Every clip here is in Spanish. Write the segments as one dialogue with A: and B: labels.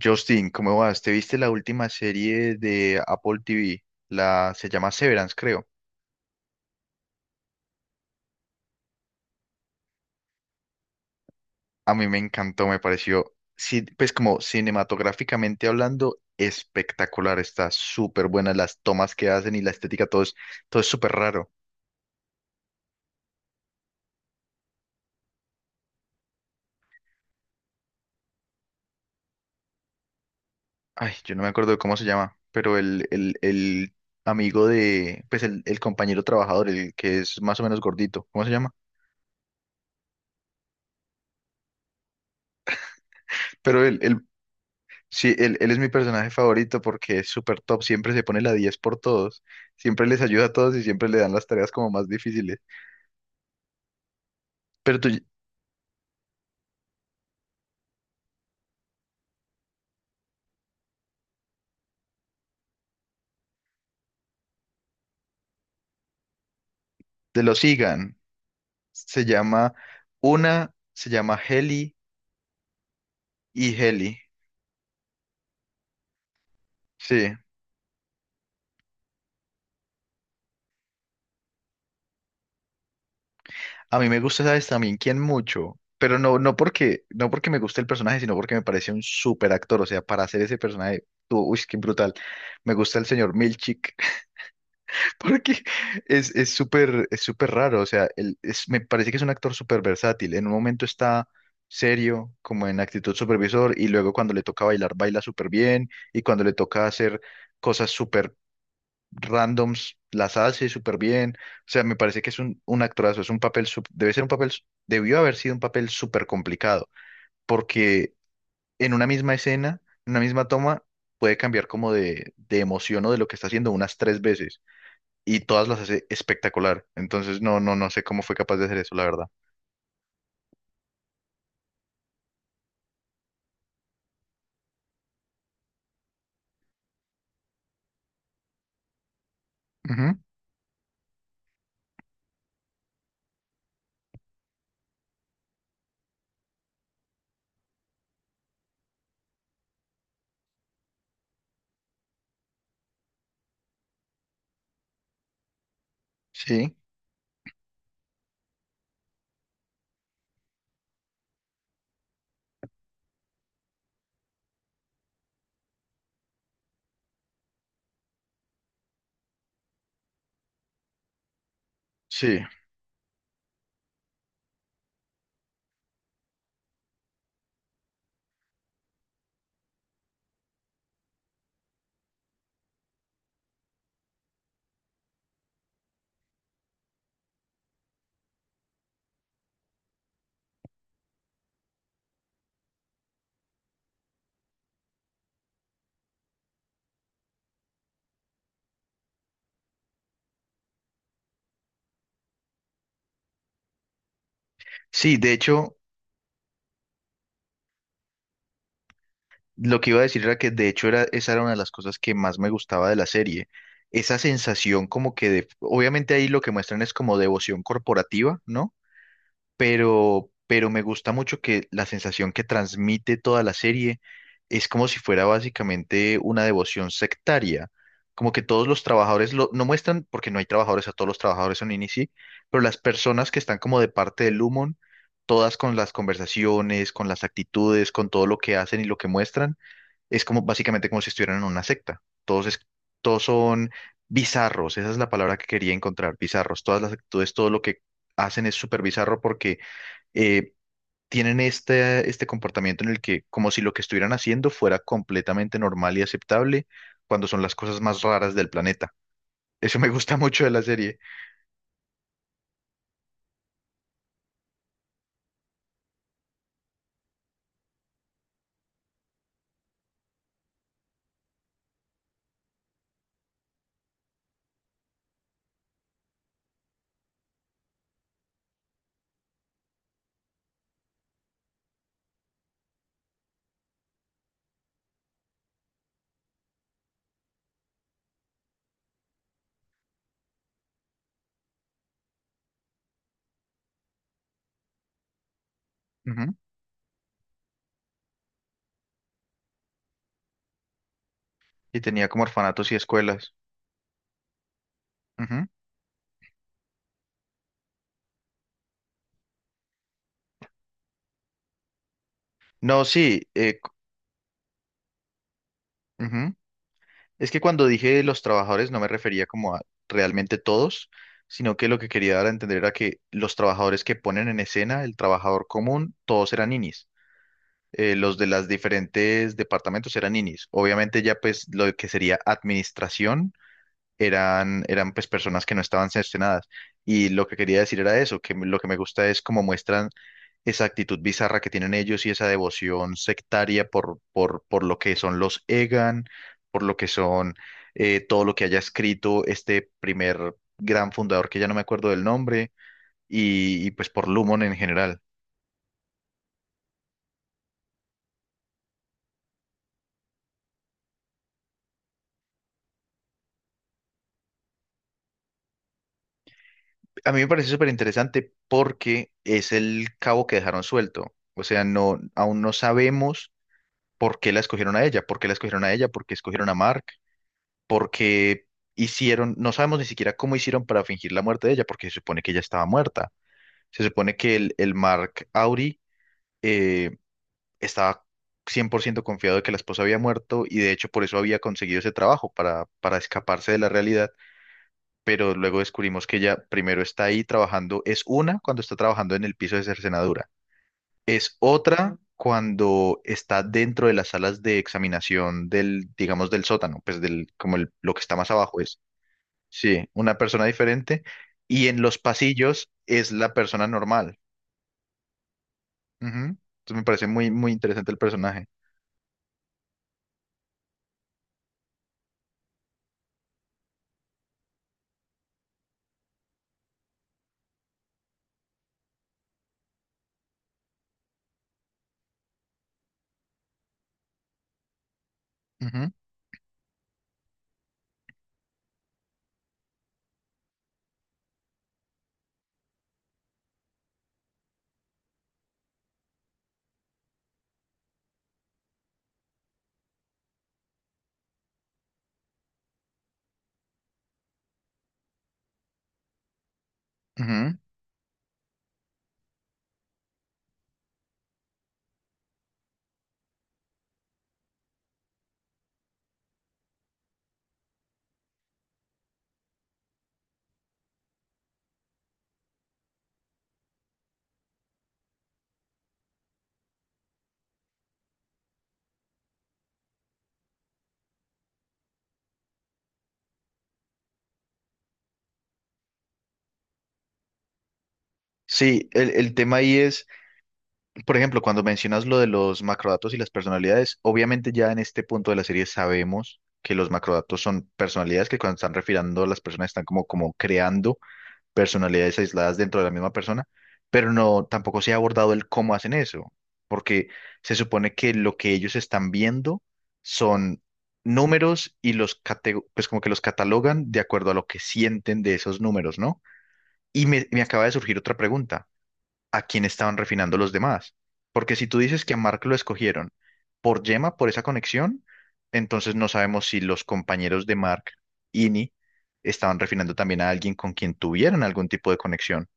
A: Justin, ¿cómo vas? ¿Te viste la última serie de Apple TV? La se llama Severance, creo. A mí me encantó, me pareció, sí, pues como cinematográficamente hablando, espectacular. Está súper buena las tomas que hacen y la estética, todo es súper raro. Ay, yo no me acuerdo de cómo se llama, pero el amigo de, pues el compañero trabajador, el que es más o menos gordito, ¿cómo se llama? Pero sí, él es mi personaje favorito porque es súper top, siempre se pone la 10 por todos, siempre les ayuda a todos y siempre le dan las tareas como más difíciles. Pero tú- te lo sigan, se llama se llama Heli y Heli. Sí, a mí me gusta, ¿sabes? También quién mucho, pero no porque, no porque me guste el personaje, sino porque me parece un súper actor, o sea, para hacer ese personaje, tú, uy, qué brutal. Me gusta el señor Milchik. Porque es súper es súper raro, o sea, él es, me parece que es un actor súper versátil. En un momento está serio, como en actitud supervisor, y luego cuando le toca bailar, baila súper bien, y cuando le toca hacer cosas súper randoms, las hace súper bien. O sea, me parece que es un actorazo, es un papel, sup- debe ser un papel, debió haber sido un papel súper complicado, porque en una misma escena, en una misma toma, puede cambiar como de emoción o de lo que está haciendo unas tres veces y todas las hace espectacular. Entonces, no sé cómo fue capaz de hacer eso, la verdad. Ujú. Sí, sí. Sí, de hecho, lo que iba a decir era que de hecho era, esa era una de las cosas que más me gustaba de la serie. Esa sensación como que de, obviamente ahí lo que muestran es como devoción corporativa, ¿no? Pero me gusta mucho que la sensación que transmite toda la serie es como si fuera básicamente una devoción sectaria. Como que todos los trabajadores lo, no muestran, porque no hay trabajadores, a todos los trabajadores son Inisi, pero las personas que están como de parte del Lumon, todas con las conversaciones, con las actitudes, con todo lo que hacen y lo que muestran, es como básicamente como si estuvieran en una secta. Todos son bizarros, esa es la palabra que quería encontrar, bizarros. Todas las actitudes, todo lo que hacen es súper bizarro porque eh, tienen este comportamiento en el que, como si lo que estuvieran haciendo fuera completamente normal y aceptable, cuando son las cosas más raras del planeta. Eso me gusta mucho de la serie. Ujú. Y tenía como orfanatos y escuelas. Ujú. No, sí. Ujú. Es que cuando dije los trabajadores no me refería como a realmente todos, sino que lo que quería dar a entender era que los trabajadores que ponen en escena, el trabajador común, todos eran ninis. Los de las diferentes departamentos eran ninis. Obviamente ya pues lo que sería administración eran pues personas que no estaban cercenadas. Y lo que quería decir era eso, que lo que me gusta es cómo muestran esa actitud bizarra que tienen ellos y esa devoción sectaria por lo que son los Egan, por lo que son todo lo que haya escrito este primer gran fundador que ya no me acuerdo del nombre y pues por Lumon en general. A mí me parece súper interesante porque es el cabo que dejaron suelto. O sea, no, aún no sabemos por qué la escogieron a ella, por qué la escogieron a ella, por qué escogieron a Mark, por qué hicieron, no sabemos ni siquiera cómo hicieron para fingir la muerte de ella, porque se supone que ella estaba muerta. Se supone que el Mark Auri eh, estaba 100% confiado de que la esposa había muerto y de hecho por eso había conseguido ese trabajo, para escaparse de la realidad, pero luego descubrimos que ella primero está ahí trabajando, es una cuando está trabajando en el piso de cercenadura, es otra cuando está dentro de las salas de examinación del, digamos, del sótano, pues del, como el- lo que está más abajo es, sí, una persona diferente, y en los pasillos es la persona normal. Ujú. Entonces me parece muy, muy interesante el personaje. Ujú, ujú. Sí, el tema ahí es. Por ejemplo, cuando mencionas lo de los macrodatos y las personalidades, obviamente ya en este punto de la serie sabemos que los macrodatos son personalidades que cuando están refiriendo a las personas están como, como creando personalidades aisladas dentro de la misma persona, pero no, tampoco se ha abordado el cómo hacen eso, porque se supone que lo que ellos están viendo son números y pues como que los catalogan de acuerdo a lo que sienten de esos números, ¿no? Me acaba de surgir otra pregunta: a quién estaban refinando los demás. Porque si tú dices que a Mark lo escogieron por Gemma, por esa conexión, entonces no sabemos si los compañeros de Mark, Ini, estaban refinando también a alguien con quien tuvieran algún tipo de conexión.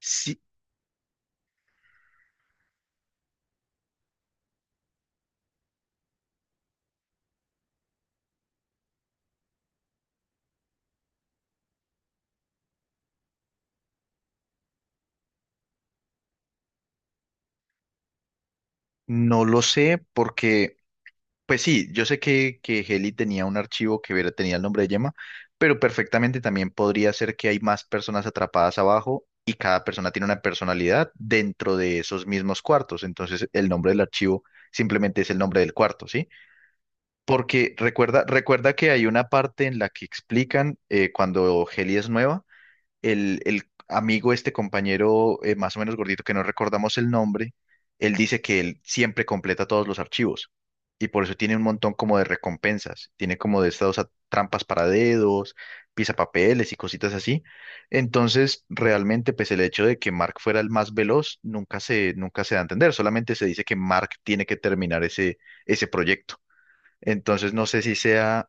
A: Sí, no lo sé porque pues sí, yo sé que Heli tenía un archivo tenía el nombre de Gemma, pero perfectamente también podría ser que hay más personas atrapadas abajo y cada persona tiene una personalidad dentro de esos mismos cuartos. Entonces el nombre del archivo simplemente es el nombre del cuarto, ¿sí? Porque recuerda que hay una parte en la que explican, cuando Heli es nueva, el amigo, este compañero, más o menos gordito que no recordamos el nombre, él dice que él siempre completa todos los archivos y por eso tiene un montón como de recompensas, tiene como de estas trampas para dedos, pisapapeles y cositas así. Entonces, realmente, pues el hecho de que Mark fuera el más veloz nunca se da a entender, solamente se dice que Mark tiene que terminar ese proyecto. Entonces, no sé si sea...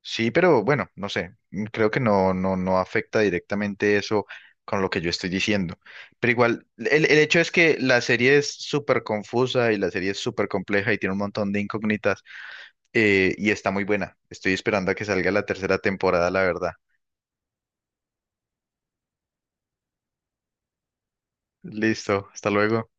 A: Sí, pero bueno, no sé, mm, creo que no, no afecta directamente eso con lo que yo estoy diciendo. Pero igual, el hecho es que la serie es súper confusa y la serie es súper compleja y tiene un montón de incógnitas, y está muy buena. Estoy esperando a que salga la tercera temporada, la verdad. Listo, hasta luego.